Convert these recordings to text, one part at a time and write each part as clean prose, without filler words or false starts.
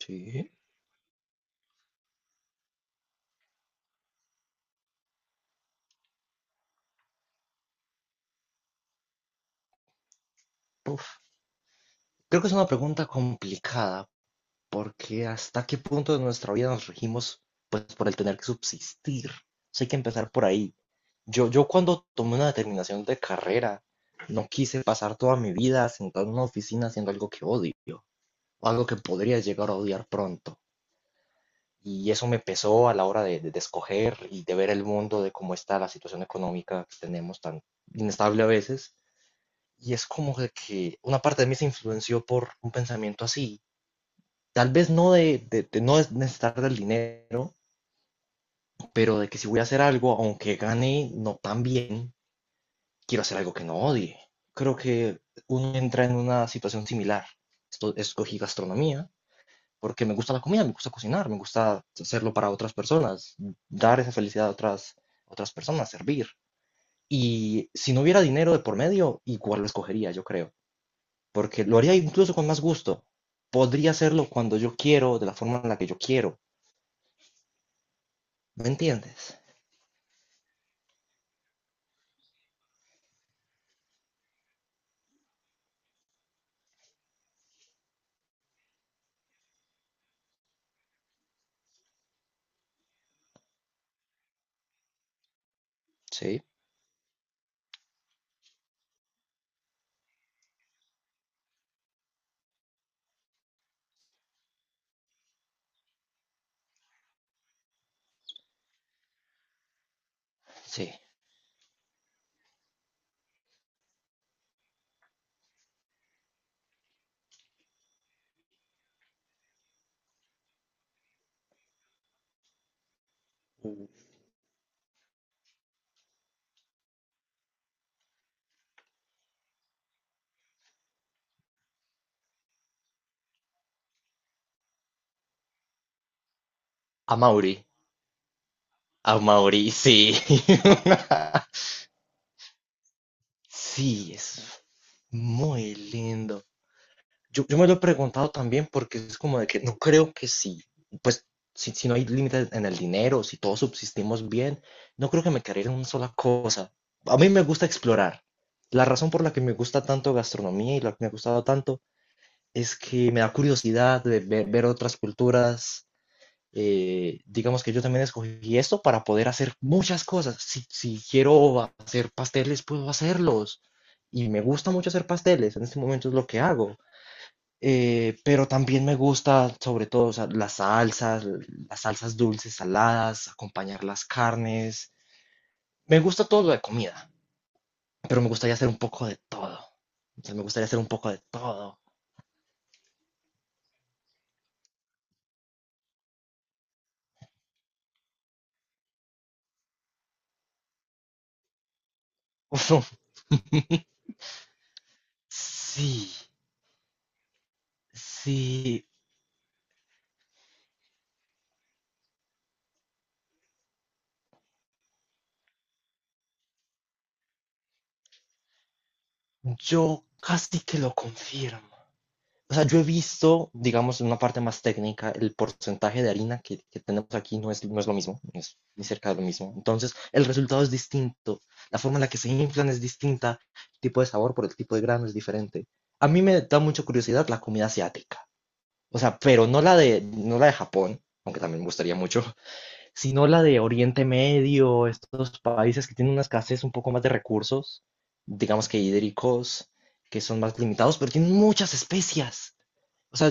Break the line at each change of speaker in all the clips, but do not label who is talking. Sí. Uf. Creo que es una pregunta complicada porque hasta qué punto de nuestra vida nos regimos pues por el tener que subsistir. Entonces, hay que empezar por ahí. Yo cuando tomé una determinación de carrera, no quise pasar toda mi vida sentado en una oficina haciendo algo que odio o algo que podría llegar a odiar pronto. Y eso me pesó a la hora de escoger y de ver el mundo, de cómo está la situación económica que tenemos tan inestable a veces. Y es como de que una parte de mí se influenció por un pensamiento así. Tal vez no de no necesitar del dinero, pero de que si voy a hacer algo, aunque gane no tan bien, quiero hacer algo que no odie. Creo que uno entra en una situación similar. Esto, escogí gastronomía porque me gusta la comida, me gusta cocinar, me gusta hacerlo para otras personas, dar esa felicidad a otras, otras personas, servir. Y si no hubiera dinero de por medio, igual lo escogería, yo creo, porque lo haría incluso con más gusto. Podría hacerlo cuando yo quiero, de la forma en la que yo quiero. ¿Me entiendes? Sí. Sí. A Mauri. A Mauri, sí. Sí, es muy lindo. Yo me lo he preguntado también porque es como de que no creo que sí. Pues si no hay límites en el dinero, si todos subsistimos bien, no creo que me quedaría en una sola cosa. A mí me gusta explorar. La razón por la que me gusta tanto gastronomía y la que me ha gustado tanto es que me da curiosidad de ver, ver otras culturas. Digamos que yo también escogí esto para poder hacer muchas cosas. Si quiero hacer pasteles, puedo hacerlos. Y me gusta mucho hacer pasteles, en este momento es lo que hago. Pero también me gusta, sobre todo, o sea, las salsas dulces, saladas, acompañar las carnes. Me gusta todo lo de comida, pero me gustaría hacer un poco de todo. O sea, me gustaría hacer un poco de todo. Sí. Sí, yo casi que lo confirmo. O sea, yo he visto, digamos, en una parte más técnica, el porcentaje de harina que tenemos aquí no es, no es lo mismo, no es ni cerca de lo mismo. Entonces, el resultado es distinto, la forma en la que se inflan es distinta, el tipo de sabor por el tipo de grano es diferente. A mí me da mucha curiosidad la comida asiática, o sea, pero no la de, no la de Japón, aunque también me gustaría mucho, sino la de Oriente Medio, estos países que tienen una escasez un poco más de recursos, digamos que hídricos, que son más limitados, pero tienen muchas especias. O sea,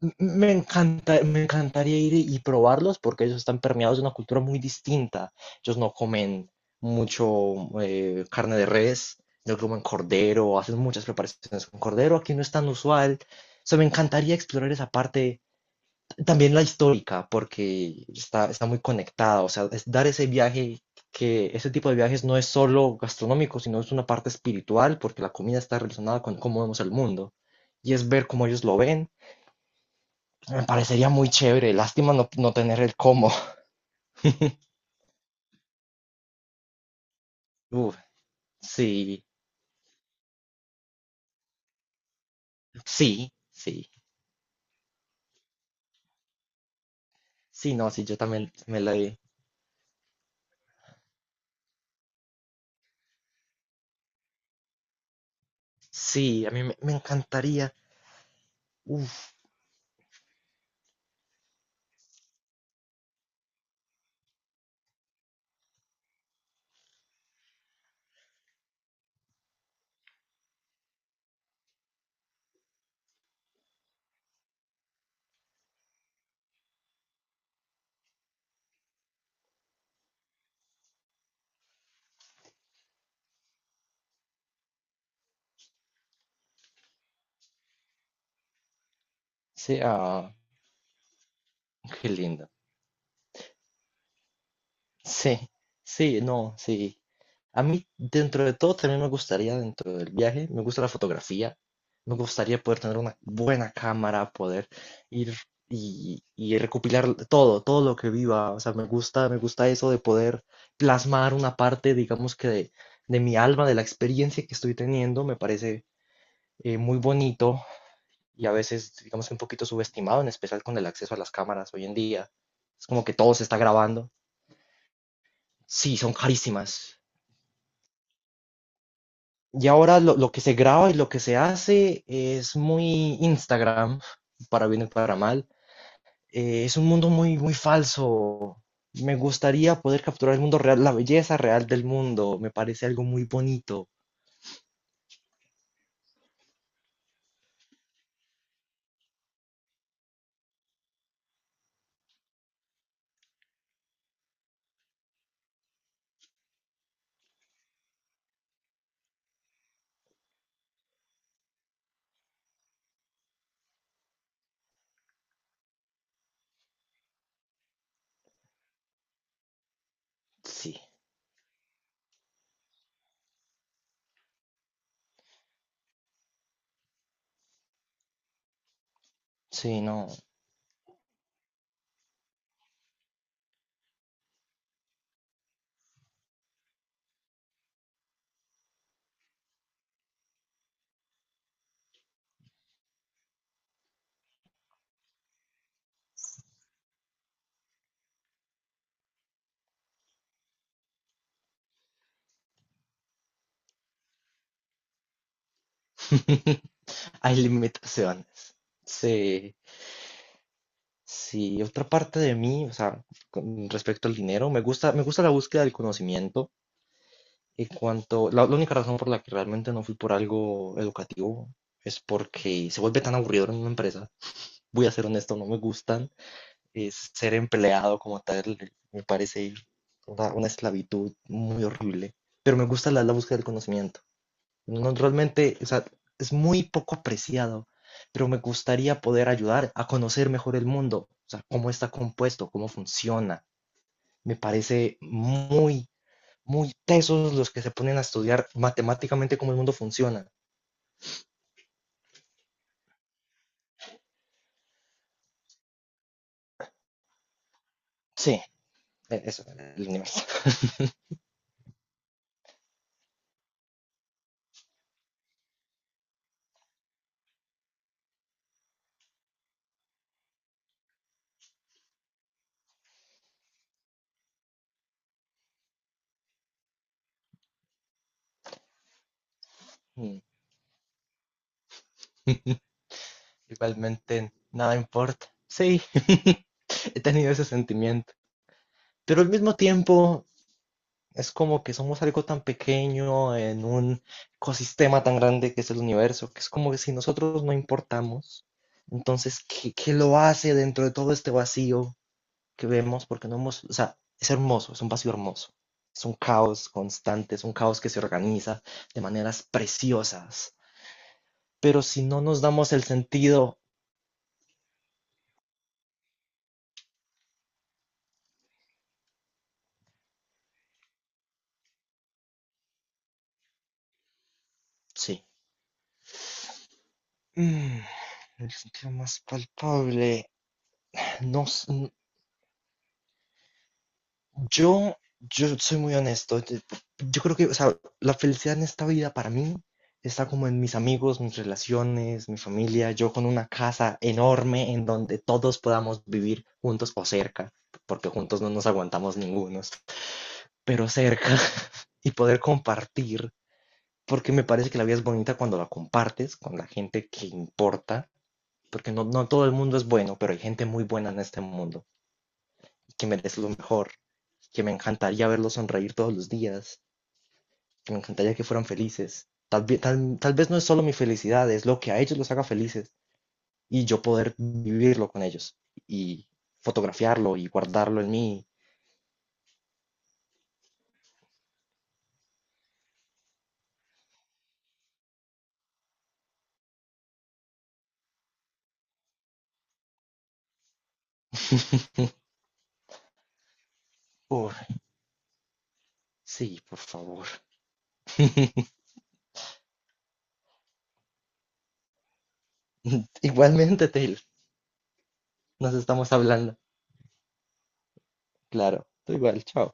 me encanta, me encantaría ir y probarlos porque ellos están permeados de una cultura muy distinta. Ellos no comen mucho carne de res, no comen cordero, hacen muchas preparaciones con cordero, aquí no es tan usual. O sea, me encantaría explorar esa parte también la histórica, porque está muy conectada, o sea, es dar ese viaje, que ese tipo de viajes no es solo gastronómico, sino es una parte espiritual, porque la comida está relacionada con cómo vemos el mundo, y es ver cómo ellos lo ven. Me parecería muy chévere, lástima no, no tener el cómo. Uf, sí, sí, sí, sí, no, sí, yo también me la di. Sí, a mí me encantaría. Uf, sí, ah, qué lindo. Sí, sí, no, sí. A mí, dentro de todo, también me gustaría, dentro del viaje, me gusta la fotografía. Me gustaría poder tener una buena cámara, poder ir y recopilar todo, todo lo que viva. O sea, me gusta eso de poder plasmar una parte, digamos que de mi alma, de la experiencia que estoy teniendo. Me parece muy bonito y a veces, digamos que un poquito subestimado, en especial con el acceso a las cámaras hoy en día. Es como que todo se está grabando. Sí, son carísimas. Y ahora lo que se graba y lo que se hace es muy Instagram, para bien y para mal. Es un mundo muy, muy falso. Me gustaría poder capturar el mundo real, la belleza real del mundo. Me parece algo muy bonito. Sí, sí, no. Hay limitaciones. Sí, sí. Otra parte de mí, o sea, con respecto al dinero, me gusta la búsqueda del conocimiento. Y cuanto, la única razón por la que realmente no fui por algo educativo es porque se vuelve tan aburrido en una empresa. Voy a ser honesto, no me gustan. Es ser empleado como tal me parece una esclavitud muy horrible. Pero me gusta la búsqueda del conocimiento. No, realmente, o sea, es muy poco apreciado, pero me gustaría poder ayudar a conocer mejor el mundo, o sea, cómo está compuesto, cómo funciona. Me parece muy muy tesos los que se ponen a estudiar matemáticamente cómo el mundo funciona. Sí, eso, el universo. Igualmente, nada importa. Sí, he tenido ese sentimiento. Pero al mismo tiempo, es como que somos algo tan pequeño en un ecosistema tan grande que es el universo, que es como que si nosotros no importamos, entonces, ¿qué, qué lo hace dentro de todo este vacío que vemos porque no hemos, o sea, es hermoso, es un vacío hermoso, es un caos constante, es un caos que se organiza de maneras preciosas, pero si no nos damos el sentido, sí. Mm, el sentido más palpable, no. Yo soy muy honesto. Yo creo que, o sea, la felicidad en esta vida para mí está como en mis amigos, mis relaciones, mi familia, yo con una casa enorme en donde todos podamos vivir juntos o cerca, porque juntos no nos aguantamos ningunos, pero cerca y poder compartir, porque me parece que la vida es bonita cuando la compartes con la gente que importa, porque no, no todo el mundo es bueno, pero hay gente muy buena en este mundo que merece lo mejor, que me encantaría verlos sonreír todos los días, que me encantaría que fueran felices. Tal vez no es solo mi felicidad, es lo que a ellos los haga felices y yo poder vivirlo con ellos y fotografiarlo y guardarlo en mí. Por- sí, por favor. Igualmente, Taylor, nos estamos hablando. Claro, tú igual, chao.